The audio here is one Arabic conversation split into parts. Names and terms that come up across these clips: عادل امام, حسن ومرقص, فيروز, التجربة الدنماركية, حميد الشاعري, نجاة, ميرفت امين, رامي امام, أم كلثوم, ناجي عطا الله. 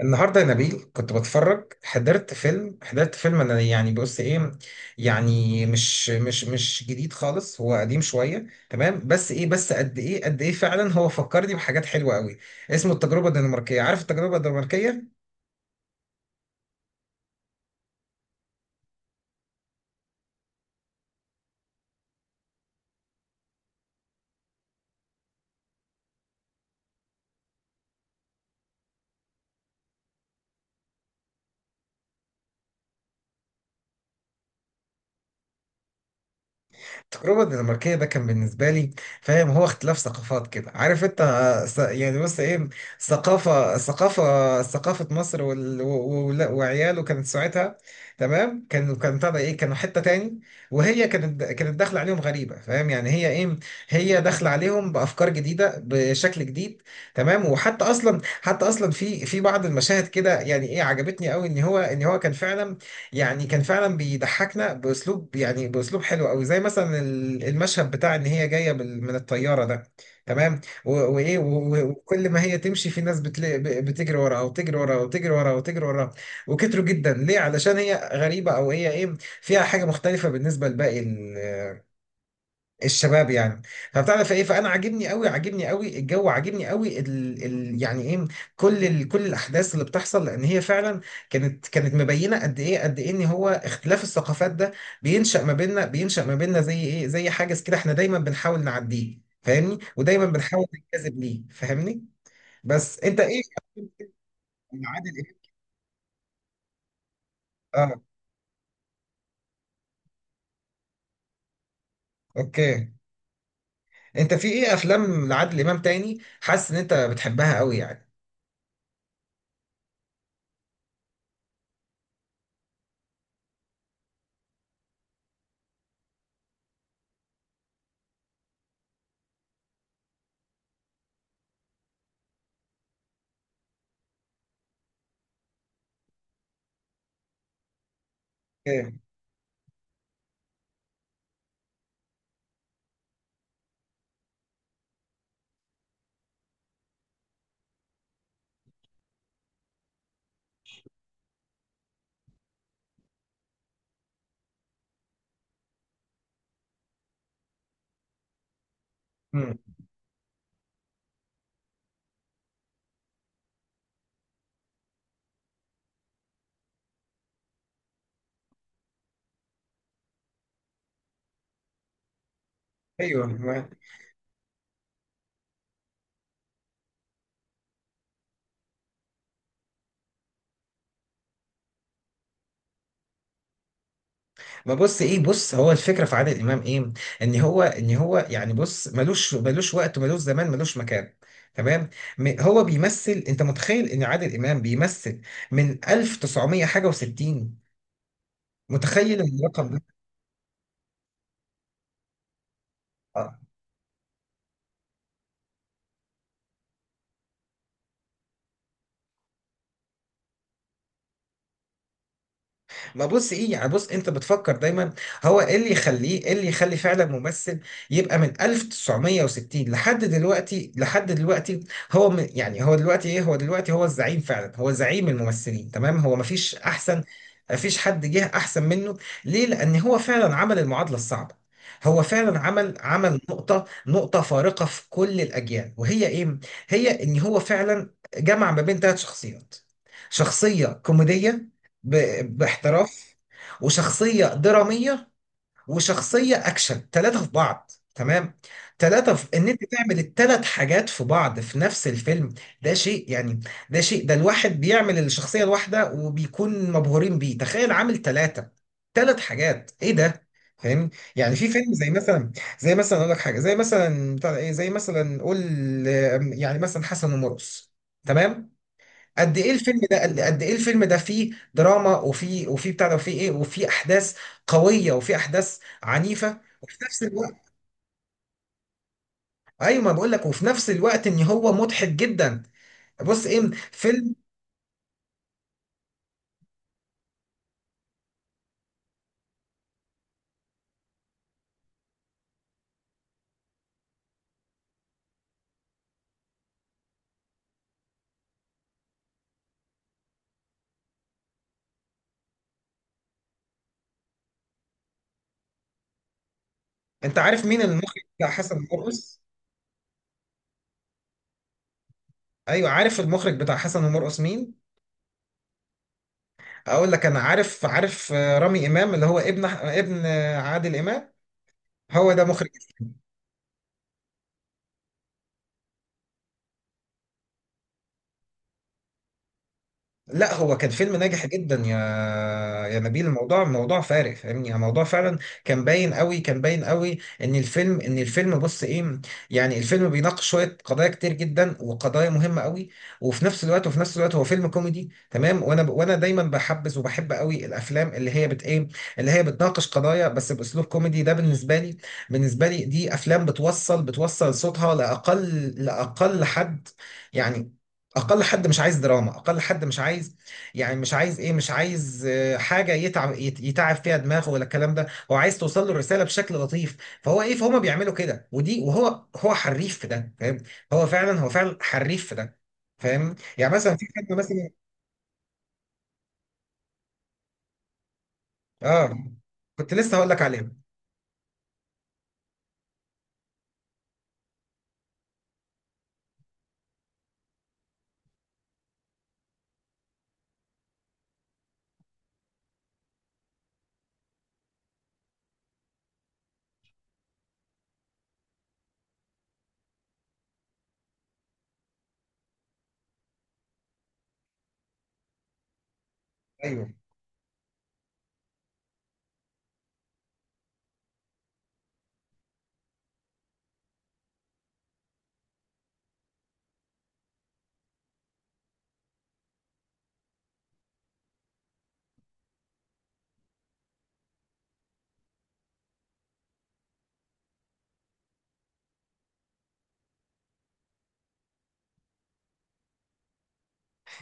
النهارده يا نبيل كنت بتفرج. حضرت فيلم. انا يعني بص ايه، يعني مش جديد خالص، هو قديم شويه. تمام بس ايه، بس قد ايه فعلا هو فكرني بحاجات حلوه قوي. اسمه التجربه الدنماركيه، عارف التجربه الدنماركيه. التجربة الدنماركية ده كان بالنسبة لي، فاهم، هو اختلاف ثقافات كده، عارف انت، يعني بص ايه، ثقافة مصر لا، وعياله كانت ساعتها، تمام، كانوا طبعا ايه، كانوا حتة تاني. وهي كانت داخلة عليهم غريبة، فاهم، يعني هي ايه، هي داخلة عليهم بأفكار جديدة بشكل جديد. تمام. وحتى اصلا، حتى اصلا في بعض المشاهد كده يعني ايه عجبتني قوي ان هو كان فعلا، يعني كان فعلا بيضحكنا باسلوب، يعني باسلوب حلو قوي، زي مثلا المشهد بتاع ان هي جايه من الطياره ده. تمام وكل ما هي تمشي في ناس بتجري وراها وتجري وراها وتجري وراها وتجري وراها، وكتروا جدا. ليه؟ علشان هي غريبه، او هي ايه، فيها حاجه مختلفه بالنسبه لباقي الشباب يعني. فبتعرف ايه، فانا عاجبني قوي، عاجبني قوي الجو، عاجبني قوي ال يعني ايه، كل الاحداث اللي بتحصل. لان هي فعلا كانت مبينه قد ايه ان هو اختلاف الثقافات ده بينشا ما بيننا، بينشا ما بيننا زي ايه، زي حاجز كده، احنا دايما بنحاول نعديه، فاهمني، ودايما بنحاول نجذب ليه، فاهمني. بس انت ايه؟ عادل امام. اه. اوكي، انت في ايه افلام لعادل امام تاني حاسس ان انت بتحبها قوي يعني؟ اوكي. مم. ايوه. ما بص ايه، بص هو الفكره في عادل امام ايه؟ ان هو يعني بص، ملوش وقت، ملوش زمان، ملوش مكان. تمام. هو بيمثل، انت متخيل ان عادل امام بيمثل من 1900 حاجه و60؟ متخيل الرقم ده؟ آه. ما بص ايه، يعني بص، انت بتفكر دايما هو ايه اللي يخليه، ايه اللي يخلي فعلا ممثل يبقى من 1960 لحد دلوقتي، لحد دلوقتي؟ هو من، يعني هو دلوقتي ايه، هو دلوقتي هو الزعيم فعلا، هو زعيم الممثلين. تمام، هو مفيش احسن، مفيش حد جه احسن منه. ليه؟ لان هو فعلا عمل المعادلة الصعبة، هو فعلا عمل نقطة فارقة في كل الأجيال. وهي إيه؟ هي إن هو فعلا جمع ما بين ثلاث شخصيات: شخصية كوميدية ب... باحتراف، وشخصية درامية، وشخصية أكشن. ثلاثة في بعض، تمام، ثلاثة في إن أنت تعمل الثلاث حاجات في بعض في نفس الفيلم. ده شيء يعني، ده شيء، ده الواحد بيعمل الشخصية الواحدة وبيكون مبهورين بيه، تخيل عامل ثلاث حاجات. إيه ده؟ فاهمني. يعني في فيلم زي مثلا، زي مثلا اقول لك حاجه زي مثلا بتاع ده ايه زي مثلا قول، يعني مثلا حسن ومرقص. تمام، قد ايه الفيلم ده؟ فيه دراما، وفيه بتاع ده، وفيه ايه، وفيه احداث قويه، وفيه احداث عنيفه، وفي نفس الوقت، ايوه ما بقول لك، وفي نفس الوقت ان هو مضحك جدا. بص ايه، فيلم، انت عارف مين المخرج بتاع حسن ومرقص؟ ايوه، عارف المخرج بتاع حسن ومرقص مين؟ اقول لك، انا عارف، رامي امام، اللي هو ابن عادل امام، هو ده مخرج. لا، هو كان فيلم ناجح جدا، يا يا نبيل، الموضوع موضوع فارق، فاهمني، يعني الموضوع فعلا كان باين قوي، كان باين قوي ان الفيلم بص ايه، يعني الفيلم بيناقش شويه قضايا كتير جدا، وقضايا مهمه قوي، وفي نفس الوقت هو فيلم كوميدي. تمام، وانا دايما بحبذ وبحب قوي الافلام اللي هي بت ايه اللي هي بتناقش قضايا بس باسلوب كوميدي. ده بالنسبه لي، بالنسبه لي دي افلام بتوصل صوتها لاقل حد، يعني اقل حد مش عايز دراما، اقل حد مش عايز، يعني مش عايز ايه، مش عايز حاجه يتعب يتعب فيها دماغه ولا الكلام ده، هو عايز توصل له الرساله بشكل لطيف. فهو ايه، فهم بيعملوا كده، ودي هو حريف في ده، فاهم؟ هو فعلا، هو فعلا حريف في ده، فاهم؟ يعني مثلا في فيلم مثلا. اه، كنت لسه هقول لك عليه. ايوه،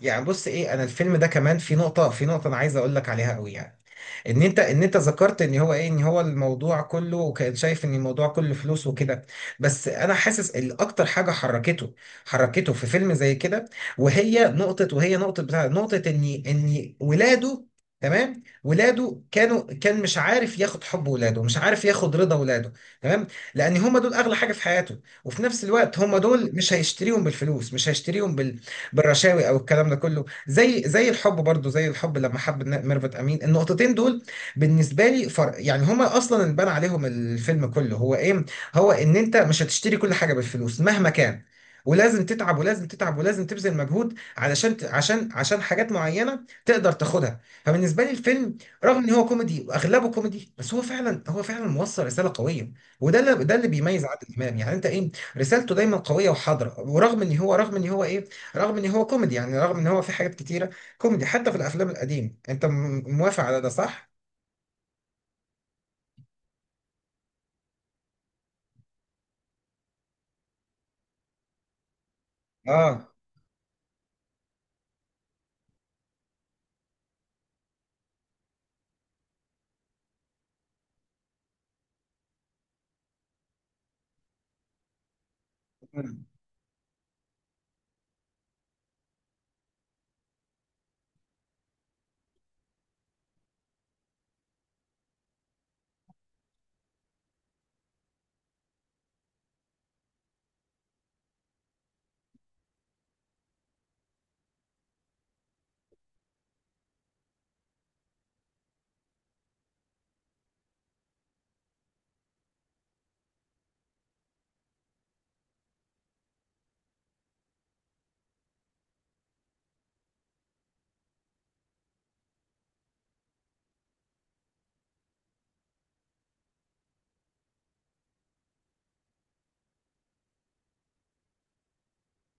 يعني بص ايه، انا الفيلم ده كمان في نقطه، انا عايز اقول لك عليها قوي يعني. ان انت ذكرت ان هو ايه، ان هو الموضوع كله، وكان شايف ان الموضوع كله فلوس وكده. بس انا حاسس ان اكتر حاجه حركته، في فيلم زي كده، وهي نقطه، وهي نقطه بتاع نقطه ان ولاده. تمام، ولاده كانوا، مش عارف ياخد حب ولاده، مش عارف ياخد رضا ولاده. تمام، لان هم دول اغلى حاجه في حياته، وفي نفس الوقت هم دول مش هيشتريهم بالفلوس، مش هيشتريهم بالرشاوي او الكلام ده كله، زي الحب برضو، زي الحب لما حب ميرفت امين. النقطتين دول بالنسبه لي فرق يعني، هما اصلا اللي بنى عليهم الفيلم كله. هو ايه؟ هو ان انت مش هتشتري كل حاجه بالفلوس مهما كان، ولازم تتعب، ولازم تبذل مجهود علشان عشان حاجات معينه تقدر تاخدها. فبالنسبه لي الفيلم رغم ان هو كوميدي واغلبه كوميدي، بس هو فعلا، هو فعلا موصل رساله قويه. وده اللي ده اللي بيميز عادل امام، يعني انت ايه، رسالته دايما قويه وحاضره، ورغم ان هو رغم ان هو ايه رغم ان هو كوميدي، يعني رغم ان هو في حاجات كتيره كوميدي حتى في الافلام القديم. انت موافق على ده صح؟ اه.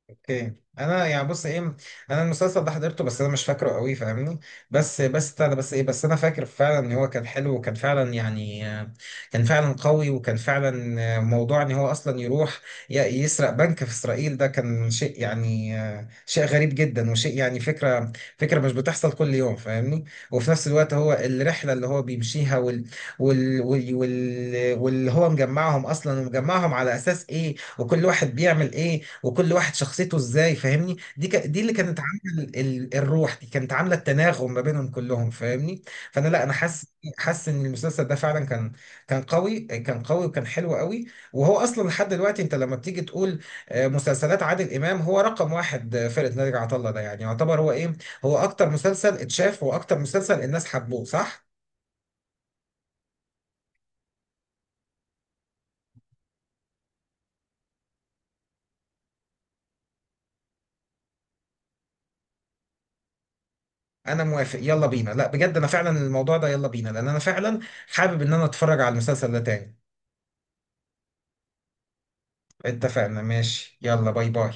اوكي، انا يعني بص ايه، انا المسلسل ده حضرته بس انا مش فاكره قوي، فاهمني، بس بتاع ده، بس ايه، بس انا فاكر فعلا ان هو كان حلو، وكان فعلا يعني كان فعلا قوي، وكان فعلا موضوع ان هو اصلا يروح ي- يسرق بنك في اسرائيل. ده كان شيء يعني شيء غريب جدا، وشيء يعني فكرة، مش بتحصل كل يوم، فاهمني. وفي نفس الوقت هو الرحلة اللي هو بيمشيها واللي هو مجمعهم اصلا، ومجمعهم على اساس ايه، وكل واحد بيعمل ايه، وكل واحد شخصيته ازاي، فاهمني. دي اللي كانت عامله الروح دي كانت عامله التناغم ما بينهم كلهم، فاهمني. فانا لا، انا حاسس، ان المسلسل ده فعلا كان، كان قوي وكان حلو قوي. وهو اصلا لحد دلوقتي انت لما بتيجي تقول مسلسلات عادل امام هو رقم واحد، فرقه ناجي عطا الله ده يعني يعتبر هو ايه، هو اكتر مسلسل اتشاف، واكتر مسلسل الناس حبوه، صح؟ انا موافق، يلا بينا. لا بجد انا فعلا الموضوع ده، يلا بينا، لان انا فعلا حابب ان انا اتفرج على المسلسل ده تاني. اتفقنا، ماشي، يلا باي باي.